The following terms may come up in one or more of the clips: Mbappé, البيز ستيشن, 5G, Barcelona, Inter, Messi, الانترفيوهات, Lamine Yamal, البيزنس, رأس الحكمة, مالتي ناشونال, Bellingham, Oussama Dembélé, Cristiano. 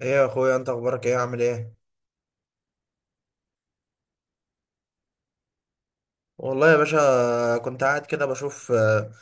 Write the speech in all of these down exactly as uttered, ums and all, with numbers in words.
ايه يا اخويا، انت اخبارك ايه؟ عامل ايه؟ والله يا باشا كنت قاعد كده بشوف آه،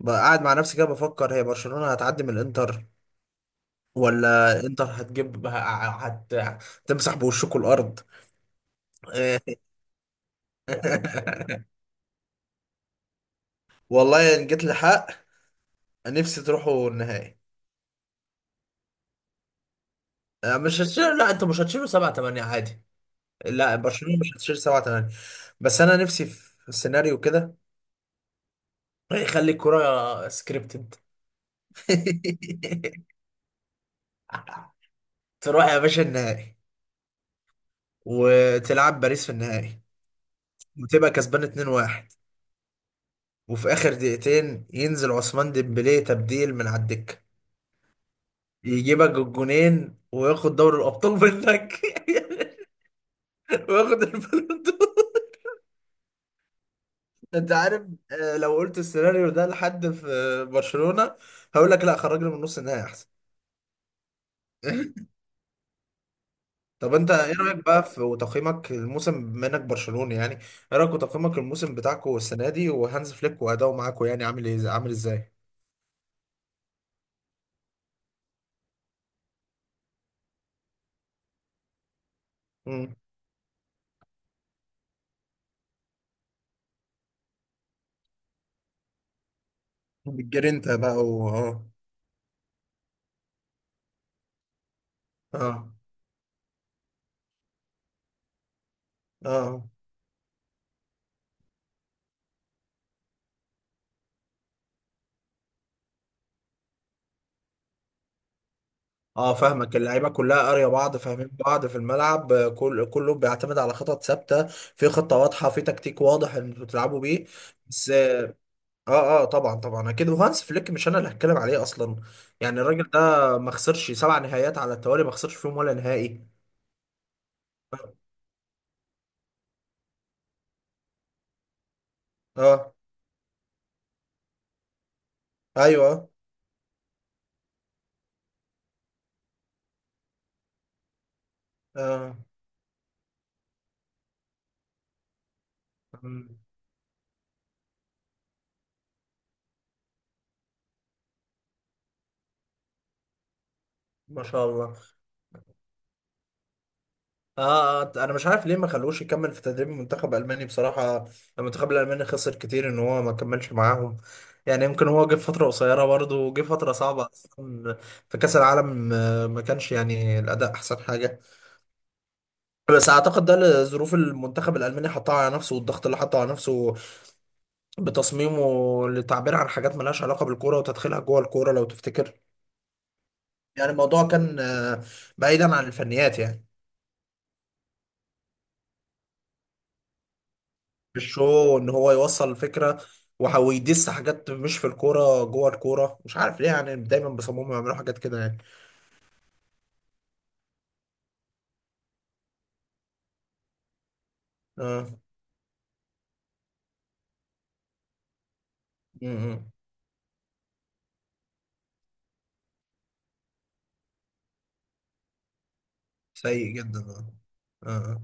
بقى قاعد مع نفسي كده بفكر هي برشلونة هتعدي من الانتر، ولا انتر هتجيب هت... هتمسح بوشكوا الارض. والله ان جيت لحق، نفسي تروحوا النهائي. آه، مش هتشيل، لا، انتوا مش هتشيلوا سبعة تمانية عادي. لا، برشلونة مش هتشيل سبعة تمانية، بس انا نفسي في سيناريو كده يخلي الكرة سكريبتد. تروح يا باشا النهائي وتلعب باريس في النهائي وتبقى كسبان اتنين واحد، وفي اخر دقيقتين ينزل عثمان ديمبلي تبديل من على الدكه، يجيبك الجونين وياخد دوري الابطال منك. وياخد البالون دور. انت عارف، آه، لو قلت السيناريو ده لحد في آه، برشلونه هقول لك لا، خرجنا من نص النهائي احسن. طب انت ايه رايك بقى في وتقييمك الموسم بما انك برشلوني يعني؟ ايه رايك وتقييمك الموسم بتاعكم السنه دي، وهانز فليك واداؤه معاكم، يعني عامل ايه؟ عامل ازاي؟ بالجرينتا بقى، و اه، اه، اه، اه. اه، فاهمك، اللعيبه كلها قاريه بعض، فاهمين بعض في الملعب. آه، كل كله بيعتمد على خطط ثابته، في خطه واضحه، في تكتيك واضح ان انتوا بتلعبوا بيه. بس اه، اه. آه، طبعا طبعا اكيد، وهانس فليك مش انا اللي هتكلم عليه اصلا. يعني الراجل ده ما خسرش سبع نهائيات على التوالي، ما خسرش فيهم ولا نهائي. اه. ايوه. اه. مم، ما شاء الله. اه، آه، انا مش عارف ليه ما خلوش يكمل في تدريب المنتخب الالماني بصراحه. المنتخب الالماني خسر كتير ان هو ما كملش معاهم. يعني يمكن هو جه في فتره قصيره برضه، وجه فتره صعبه اصلا. في كاس العالم آه، ما كانش يعني الاداء احسن حاجه، بس اعتقد ده لظروف المنتخب الالماني حطها على نفسه، والضغط اللي حطه على نفسه بتصميمه للتعبير عن حاجات ملهاش علاقه بالكوره وتدخلها جوه الكوره، لو تفتكر. يعني الموضوع كان آه، بعيدا عن الفنيات يعني. في الشو ان هو يوصل الفكره، وهو يدس حاجات مش في الكوره جوه الكوره، مش عارف ليه، يعني دايما بيصمموا يعملوا حاجات كده يعني. اه. امم سيء جدا. اه، اه.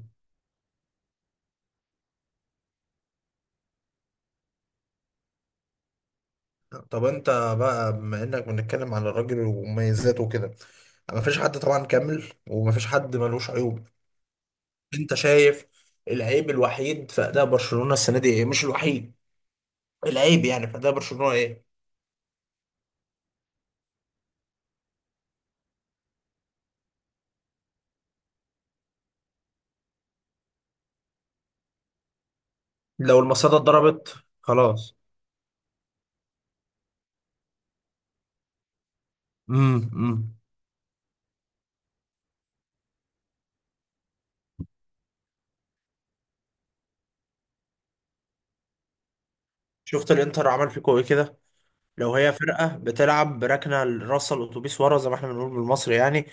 آه. طب انت بقى، بما انك بنتكلم على الراجل ومميزاته وكده، ما فيش حد طبعا كامل، وما فيش حد ملوش عيوب. انت شايف العيب الوحيد في اداء برشلونه السنه دي ايه، مش الوحيد، العيب يعني في اداء برشلونه ايه؟ لو المصاده اتضربت، خلاص. امم. امم. شفت الانتر عمل فيكوا ايه كده؟ لو هي فرقة بتلعب بركنة رأس الأتوبيس ورا، زي ما احنا بنقول بالمصري يعني،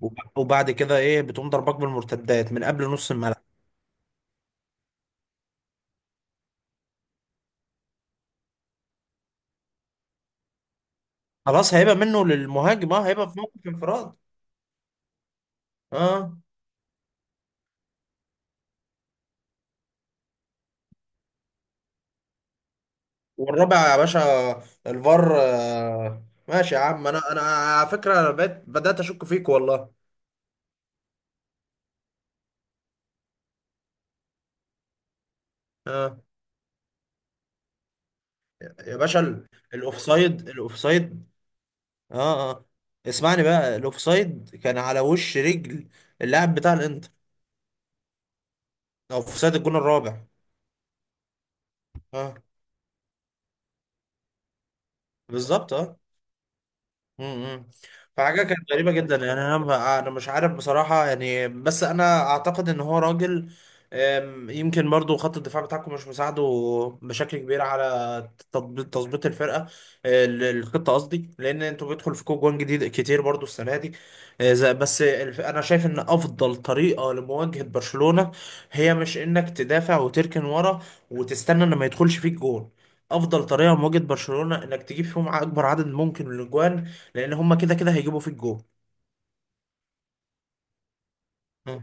وب- وبعد كده إيه بتقوم ضربك بالمرتدات من قبل نص الملعب. خلاص، هيبقى منه للمهاجم، اه، هيبقى في موقف انفراد. اه. والرابع يا باشا، الفار، آه ماشي يا عم. أنا أنا على فكرة أنا بقيت بدأت أشك فيك والله. اه، يا باشا، ال- الأوفسايد، الأوفسايد. اه، اه، اسمعني بقى، الأوفسايد كان على وش رجل اللاعب بتاع الإنتر. أوفسايد الجون الرابع. اه، بالظبط، اه. امم فحاجة كانت غريبة جدا يعني. أنا أنا مش عارف بصراحة يعني. بس أنا أعتقد إن هو راجل. أم، يمكن برضو خط الدفاع بتاعكم مش مساعده بشكل كبير على تطبيق تظبيط الفرقة، آه، ال- الخطة قصدي، لأن أنتوا بيدخل فيكم جوان جديد كتير برضو السنة دي. أه، ز- بس الف- أنا شايف إن أفضل طريقة لمواجهة برشلونة هي مش إنك تدافع وتركن ورا وتستنى إن ما يدخلش فيك جون. افضل طريقه لمواجهه برشلونه انك تجيب فيهم اكبر عدد ممكن من الاجوان، لان هما كده كده هيجيبوا فيك جول. اه.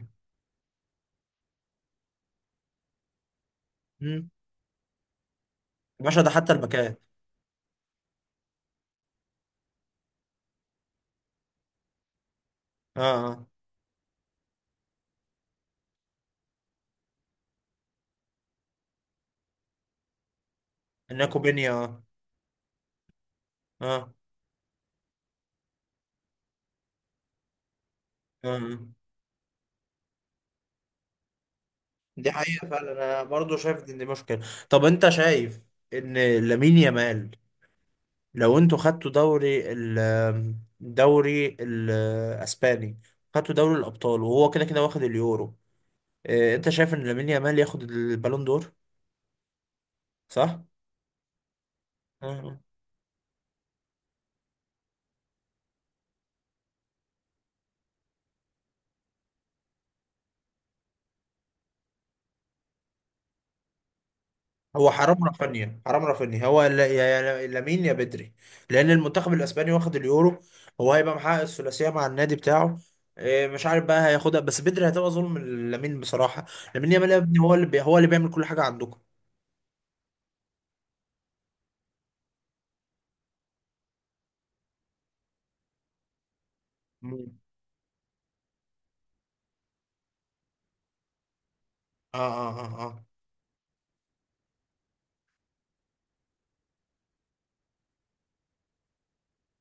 مم. يا باشا ده حتى الباكات. اه، اه. انكو بينيا، اه. اه، اه، دي حقيقة فعلا. انا برضو شايف ان دي مشكلة. طب انت شايف ان لامين يامال، لو انتوا خدتوا دوري ال دوري الاسباني، خدتوا دوري الابطال، وهو كده كده واخد اليورو، آه، انت شايف ان لامين يامال ياخد البالون دور؟ صح؟ هو حرام رافينيا، حرام رافينيا، هو لا- يا يا لامين يا بدري، لان المنتخب الاسباني واخد اليورو، هو هيبقى محقق الثلاثيه مع النادي بتاعه. إيه، مش عارف بقى هياخدها، بس بدري هتبقى ظلم. لامين بصراحه، لامين يامال يا ابني هو اللي بي- هو اللي بيعمل كل حاجه عندكم. مم. اه، اه، اه، اه.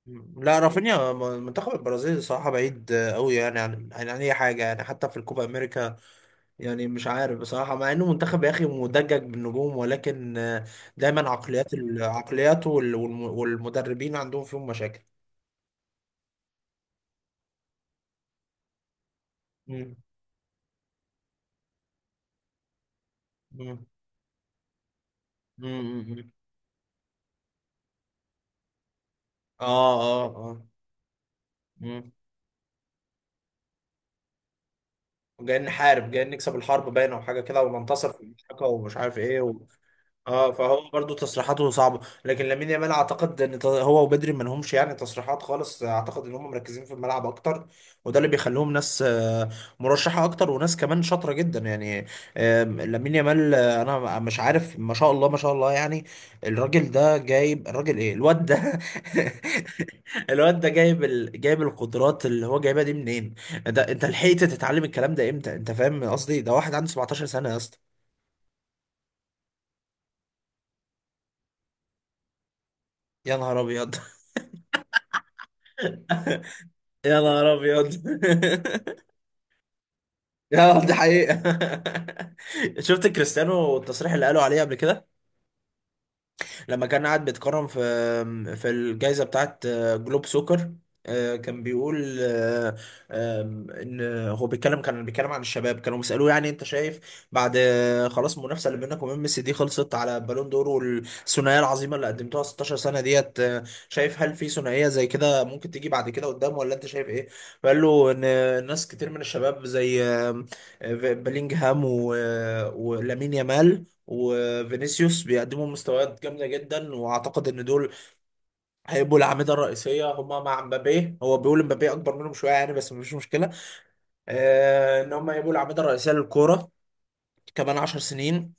مم. لا، رافينيا، م- منتخب البرازيل صراحه بعيد قوي يعني عن عن اي حاجه يعني، حتى في الكوبا امريكا. يعني مش عارف بصراحة، مع انه منتخب يا اخي مدجج بالنجوم، ولكن آه، دايما عقليات، العقليات وال- والم- والمدربين عندهم فيهم مشاكل. مم. مم. مم. مم. اه، اه، اه. مم. جاي نحارب، جاي نكسب، الحرب باينة وحاجة كده، وننتصر في المشاركة، ومش عارف ايه و... اه، فهو برضو تصريحاته صعبه. لكن لامين يامال اعتقد ان ت- هو وبدري ما لهمش يعني تصريحات خالص، اعتقد ان هم مركزين في الملعب اكتر، وده اللي بيخليهم ناس آه، مرشحه اكتر، وناس كمان شاطره جدا يعني. آه، لامين يامال، آه، انا مش عارف، ما شاء الله ما شاء الله يعني. الراجل ده جايب، الراجل، ايه الواد ده؟ الواد ده جايب ال... جايب القدرات اللي هو جايبها دي منين؟ ده انت لحقت تتعلم الكلام ده امتى؟ انت فاهم قصدي؟ ده واحد عنده سبعتاشر سنه يا اسطى! يا نهار ابيض. يا نهار ابيض. يا نهار، دي حقيقة. شفت كريستيانو التصريح اللي قالوا عليه قبل كده؟ لما كان قاعد بيتكرم في في الجائزة بتاعت آه، جلوب سوكر، آه، كان بيقول آه، آم، ان هو بيتكلم كان بيتكلم عن الشباب، كانوا بيسألوه يعني انت شايف بعد آه، خلاص المنافسة اللي بينك وبين ميسي دي خلصت على بالون دور، والثنائية العظيمة اللي قدمتوها ستاشر سنة ديت، آه، شايف هل في ثنائية زي كده ممكن تيجي بعد كده قدام، ولا انت شايف ايه؟ فقال له ان آه، ناس كتير من الشباب زي آم، آه، بلينجهام و- آه، ولامين يامال وفينيسيوس، بيقدموا مستويات جامده جدا، واعتقد ان دول هيبقوا الاعمده الرئيسيه، هما مع مبابي. هو بيقول مبابي اكبر منهم شويه يعني، بس مش مشكله، آه ان هما هيبقوا الاعمده الرئيسيه للكوره كمان عشر سنين،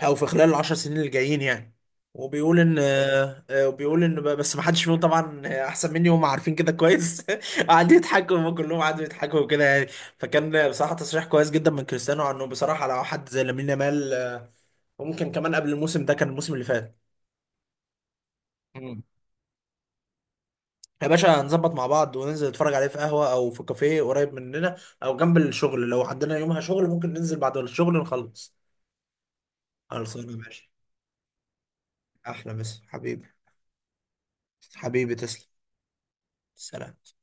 او في خلال العشر سنين اللي جايين يعني. وبيقول ان آه، آه، وبيقول ان ب- بس ما حدش فيهم طبعا احسن مني، وهم عارفين كده كويس. قعدوا يضحكوا، هم كلهم قعدوا يضحكوا وكده يعني. فكان بصراحه تصريح كويس جدا من كريستيانو عنه بصراحه لو حد زي لامين يامال، آه، وممكن كمان قبل الموسم ده، كان الموسم اللي فات. مم. يا باشا، نظبط مع بعض وننزل نتفرج عليه في قهوة أو في كافيه قريب مننا، أو جنب الشغل لو عندنا يومها شغل ممكن ننزل بعد الشغل نخلص. خلصانة يا باشا. أحلى مسا حبيبي. حبيبي تسلم. سلام.